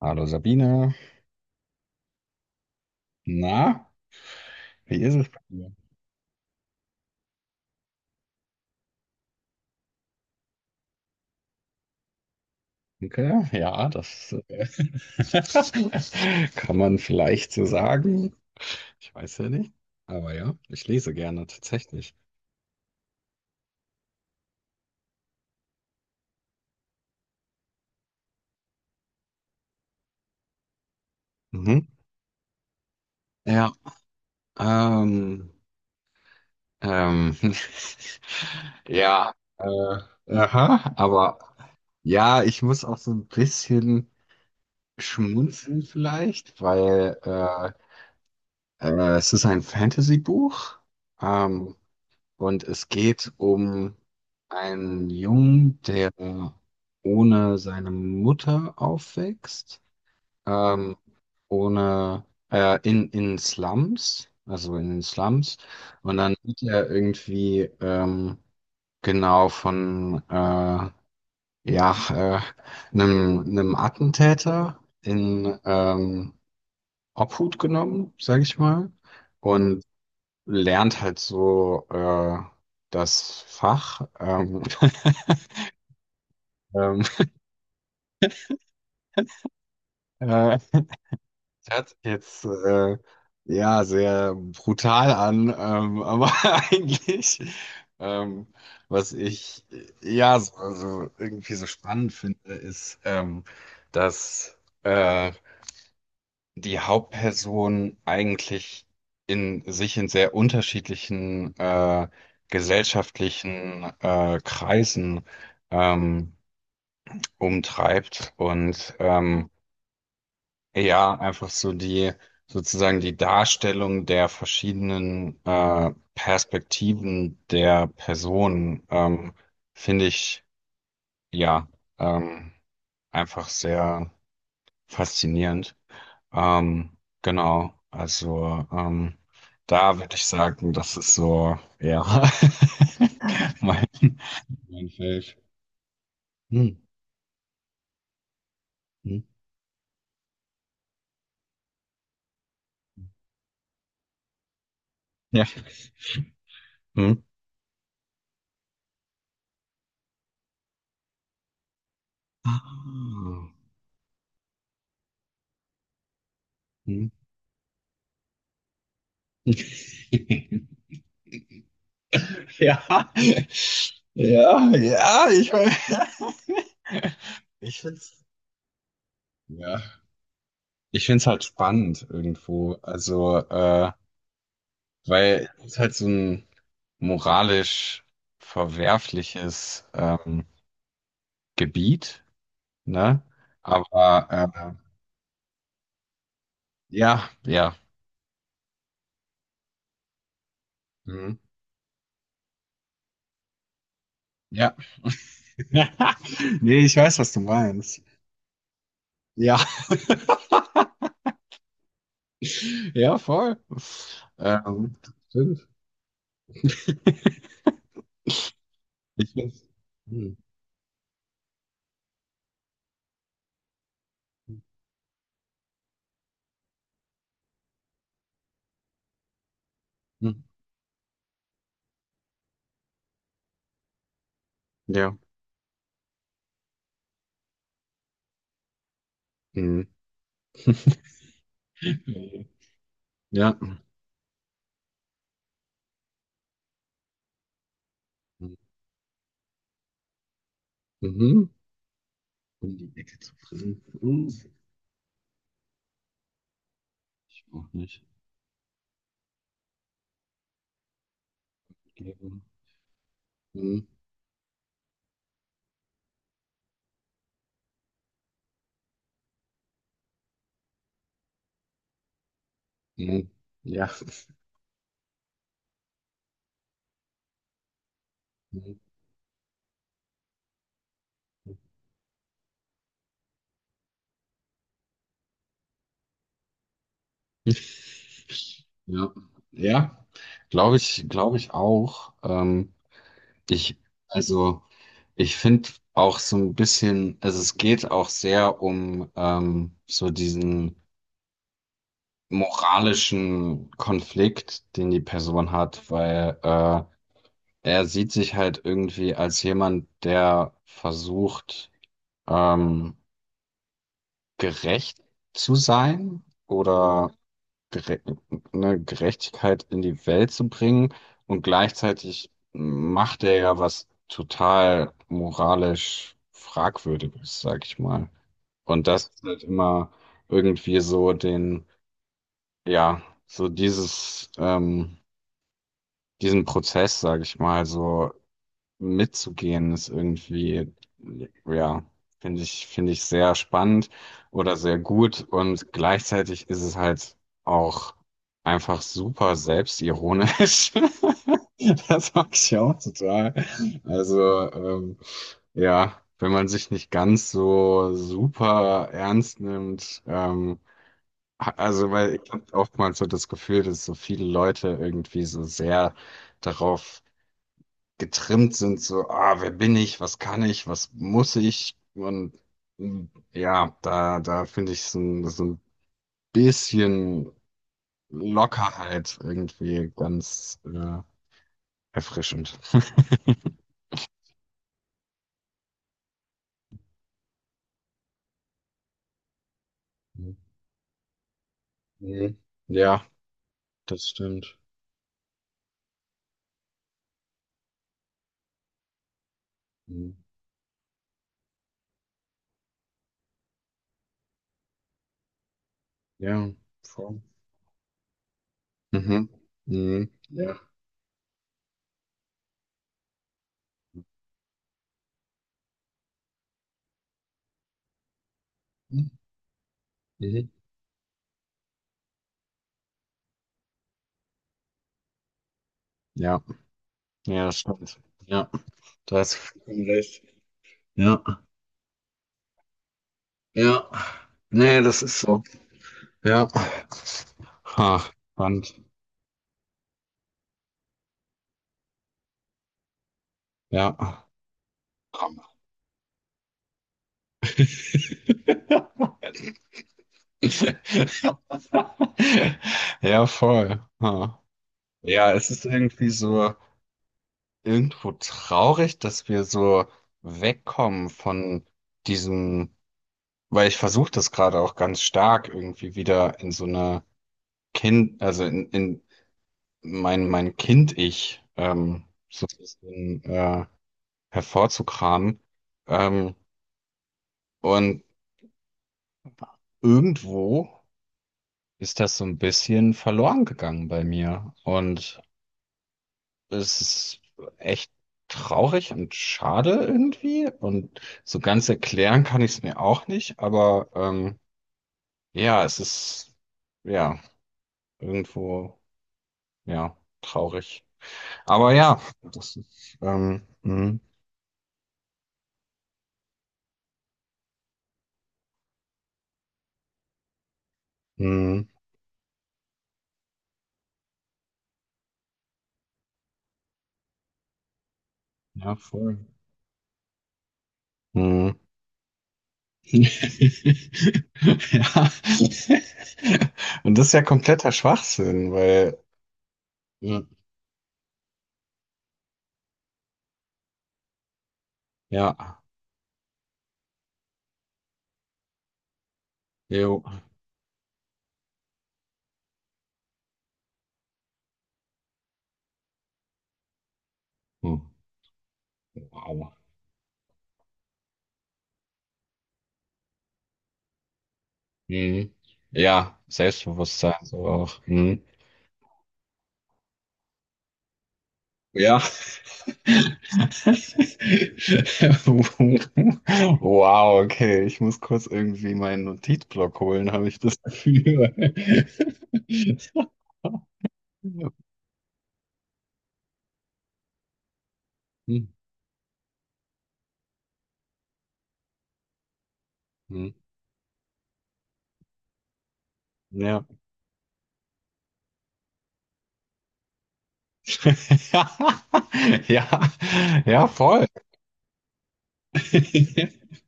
Hallo Sabine, na, wie ist es bei dir? Danke, ja, das kann man vielleicht so sagen. Ich weiß ja nicht, aber ja, ich lese gerne tatsächlich. Mhm. Ja, ähm, ähm, ja, äh, aha, aber ja, ich muss auch so ein bisschen schmunzeln vielleicht, weil es ist ein Fantasy-Buch. Ähm, Und es geht um einen Jungen, der ohne seine Mutter aufwächst, ähm, ohne in Slums, also in den Slums. Und dann wird er irgendwie genau von äh, ja, äh, einem, einem Attentäter in Obhut genommen, sage ich mal. Und lernt halt so das Fach. Ähm, äh, hört sich jetzt ja sehr brutal an, aber eigentlich, ähm, was ich ja so, also irgendwie so spannend finde, ist, dass die Hauptperson eigentlich in sich in sehr unterschiedlichen gesellschaftlichen Kreisen ähm, umtreibt und ja, einfach so die sozusagen die Darstellung der verschiedenen Perspektiven der Person finde ich ja ähm, einfach sehr faszinierend. Genau, also da würde ich sagen, das ist so ja mein, mein Feld. Hm. Hm. Ja. Hm. Ah. Hm. Ja, ja, ja, ich find's, ja, ich find's halt spannend irgendwo. Also, weil es halt so ein moralisch verwerfliches Gebiet, ne? Aber ja, ja, mhm, ja. Nee, ich weiß, was du meinst. Ja, ja, voll. Ähm, stimmt. Ich find's, hm. Hm. Ja. Mhm. Ja. Mhm. Um die Ecke zu fressen. Mhm. Ich auch nicht. Mhm. Mhm. Ja. Mhm. Ja. Ja. Glaube ich auch. Ich, also, ich finde auch so ein bisschen, also es geht auch sehr um so diesen moralischen Konflikt, den die Person hat, weil er sieht sich halt irgendwie als jemand, der versucht, ähm, gerecht zu sein oder gere ne, Gerechtigkeit in die Welt zu bringen. Und gleichzeitig macht er ja was total moralisch Fragwürdiges, sag ich mal. Und das ist halt immer irgendwie so den, ja, so dieses, diesen Prozess, sag ich mal, so mitzugehen, ist irgendwie, ja, finde ich sehr spannend oder sehr gut. Und gleichzeitig ist es halt auch einfach super selbstironisch. Das mag ich ja auch total. Also, ja, wenn man sich nicht ganz so super ernst nimmt, Also, weil ich habe oftmals so das Gefühl, dass so viele Leute irgendwie so sehr darauf getrimmt sind, so, ah, wer bin ich, was kann ich, was muss ich? Und mm, ja, da finde ich so, so ein bisschen Lockerheit irgendwie ganz erfrischend. Mhm. Ja, das stimmt. Mhm. Ja, voll. Mhm. Mhm. Ja. Mhm. Ja, ja, das stimmt. Ja, da hast du vollkommen recht. Ja, ja. Nee, das ist so. Ja. Ha, spannend. Ja. Hammer. Ja, voll. Ha. Ja, es ist irgendwie so irgendwo traurig, dass wir so wegkommen von diesem, weil ich versuche das gerade auch ganz stark irgendwie wieder in so eine Kind, also in mein Kind-Ich so ein bisschen hervorzukramen. Ähm, und irgendwo ist das so ein bisschen verloren gegangen bei mir. Und es ist echt traurig und schade irgendwie. Und so ganz erklären kann ich es mir auch nicht. Aber ja, es ist ja irgendwo ja traurig. Aber ja, das ist mh, ja voll. Mh. Ja. Und das ist ja kompletter Schwachsinn, weil ja, ja, jo. Hm. Wow. Mhm. Ja, Selbstbewusstsein so auch. Mhm. Ja. Wow, okay. Ich muss kurz irgendwie meinen Notizblock holen, habe ich das Gefühl. Mhm. Mhm. Ja. Ja, ja, voll.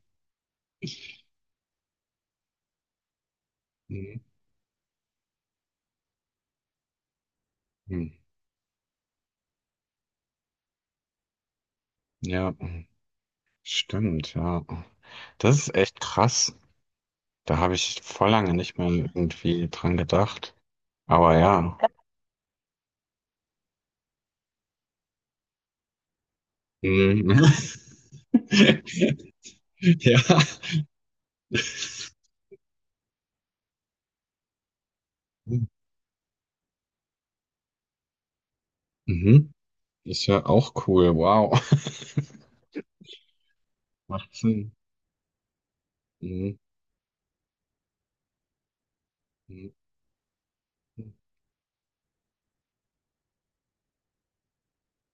Mhm. Mhm. Ja, hm. Stimmt, ja. Das ist echt krass. Da habe ich vor lange nicht mehr irgendwie dran gedacht. Aber ja. Mhm. Ja. Mhm. Ist ja auch cool. Wow. Macht Sinn. Mhm. Mhm.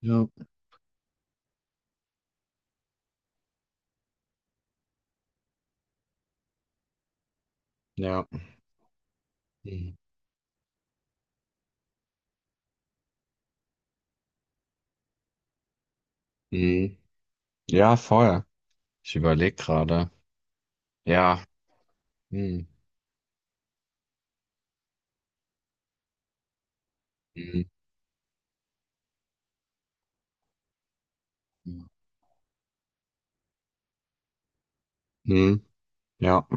Ja. Ja. Mhm. Mhm. Ja, voll. Ich überlege gerade. Ja. Mhm. Mhm. Mhm. Ja.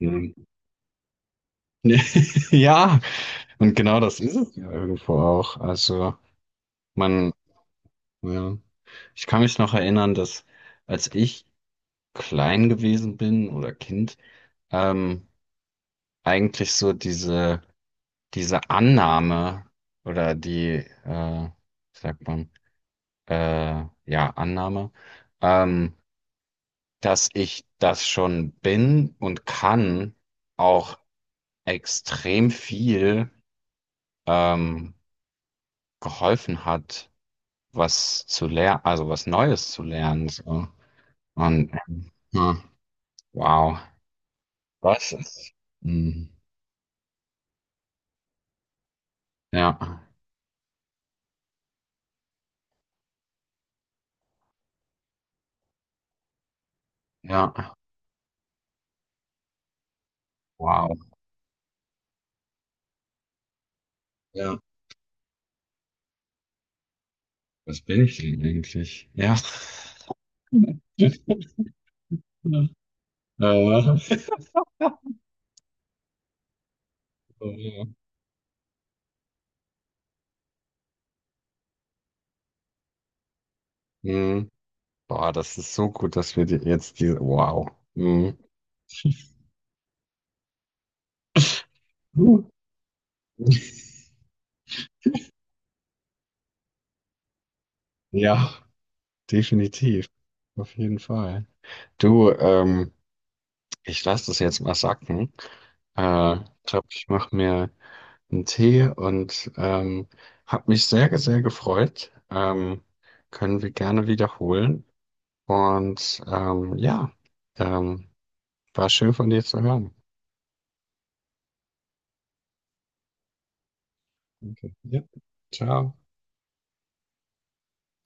Mhm. Ja. Und genau das ist es ja irgendwo auch. Also man, ja. Ich kann mich noch erinnern, dass als ich klein gewesen bin oder Kind, ähm, eigentlich so diese Annahme oder die, äh, wie sagt man, ja, Annahme, ähm, dass ich das schon bin und kann, auch extrem viel ähm, geholfen hat, was zu lernen, also was Neues zu lernen. So. Und ja, wow, was ist? mm, Ja, ja. Wow, ja. Was bin ich denn eigentlich? Ja. Äh, mhm. Boah, das ist so gut, dass wir die, jetzt diese. Wow. Mhm. Uh. Ja, definitiv. Auf jeden Fall. Du, ich lasse das jetzt mal sacken. Ich glaube, ich mache mir einen Tee und habe mich sehr, sehr gefreut. Können wir gerne wiederholen. Und ja, ähm, war schön von dir zu hören. Okay. Ja. Ciao.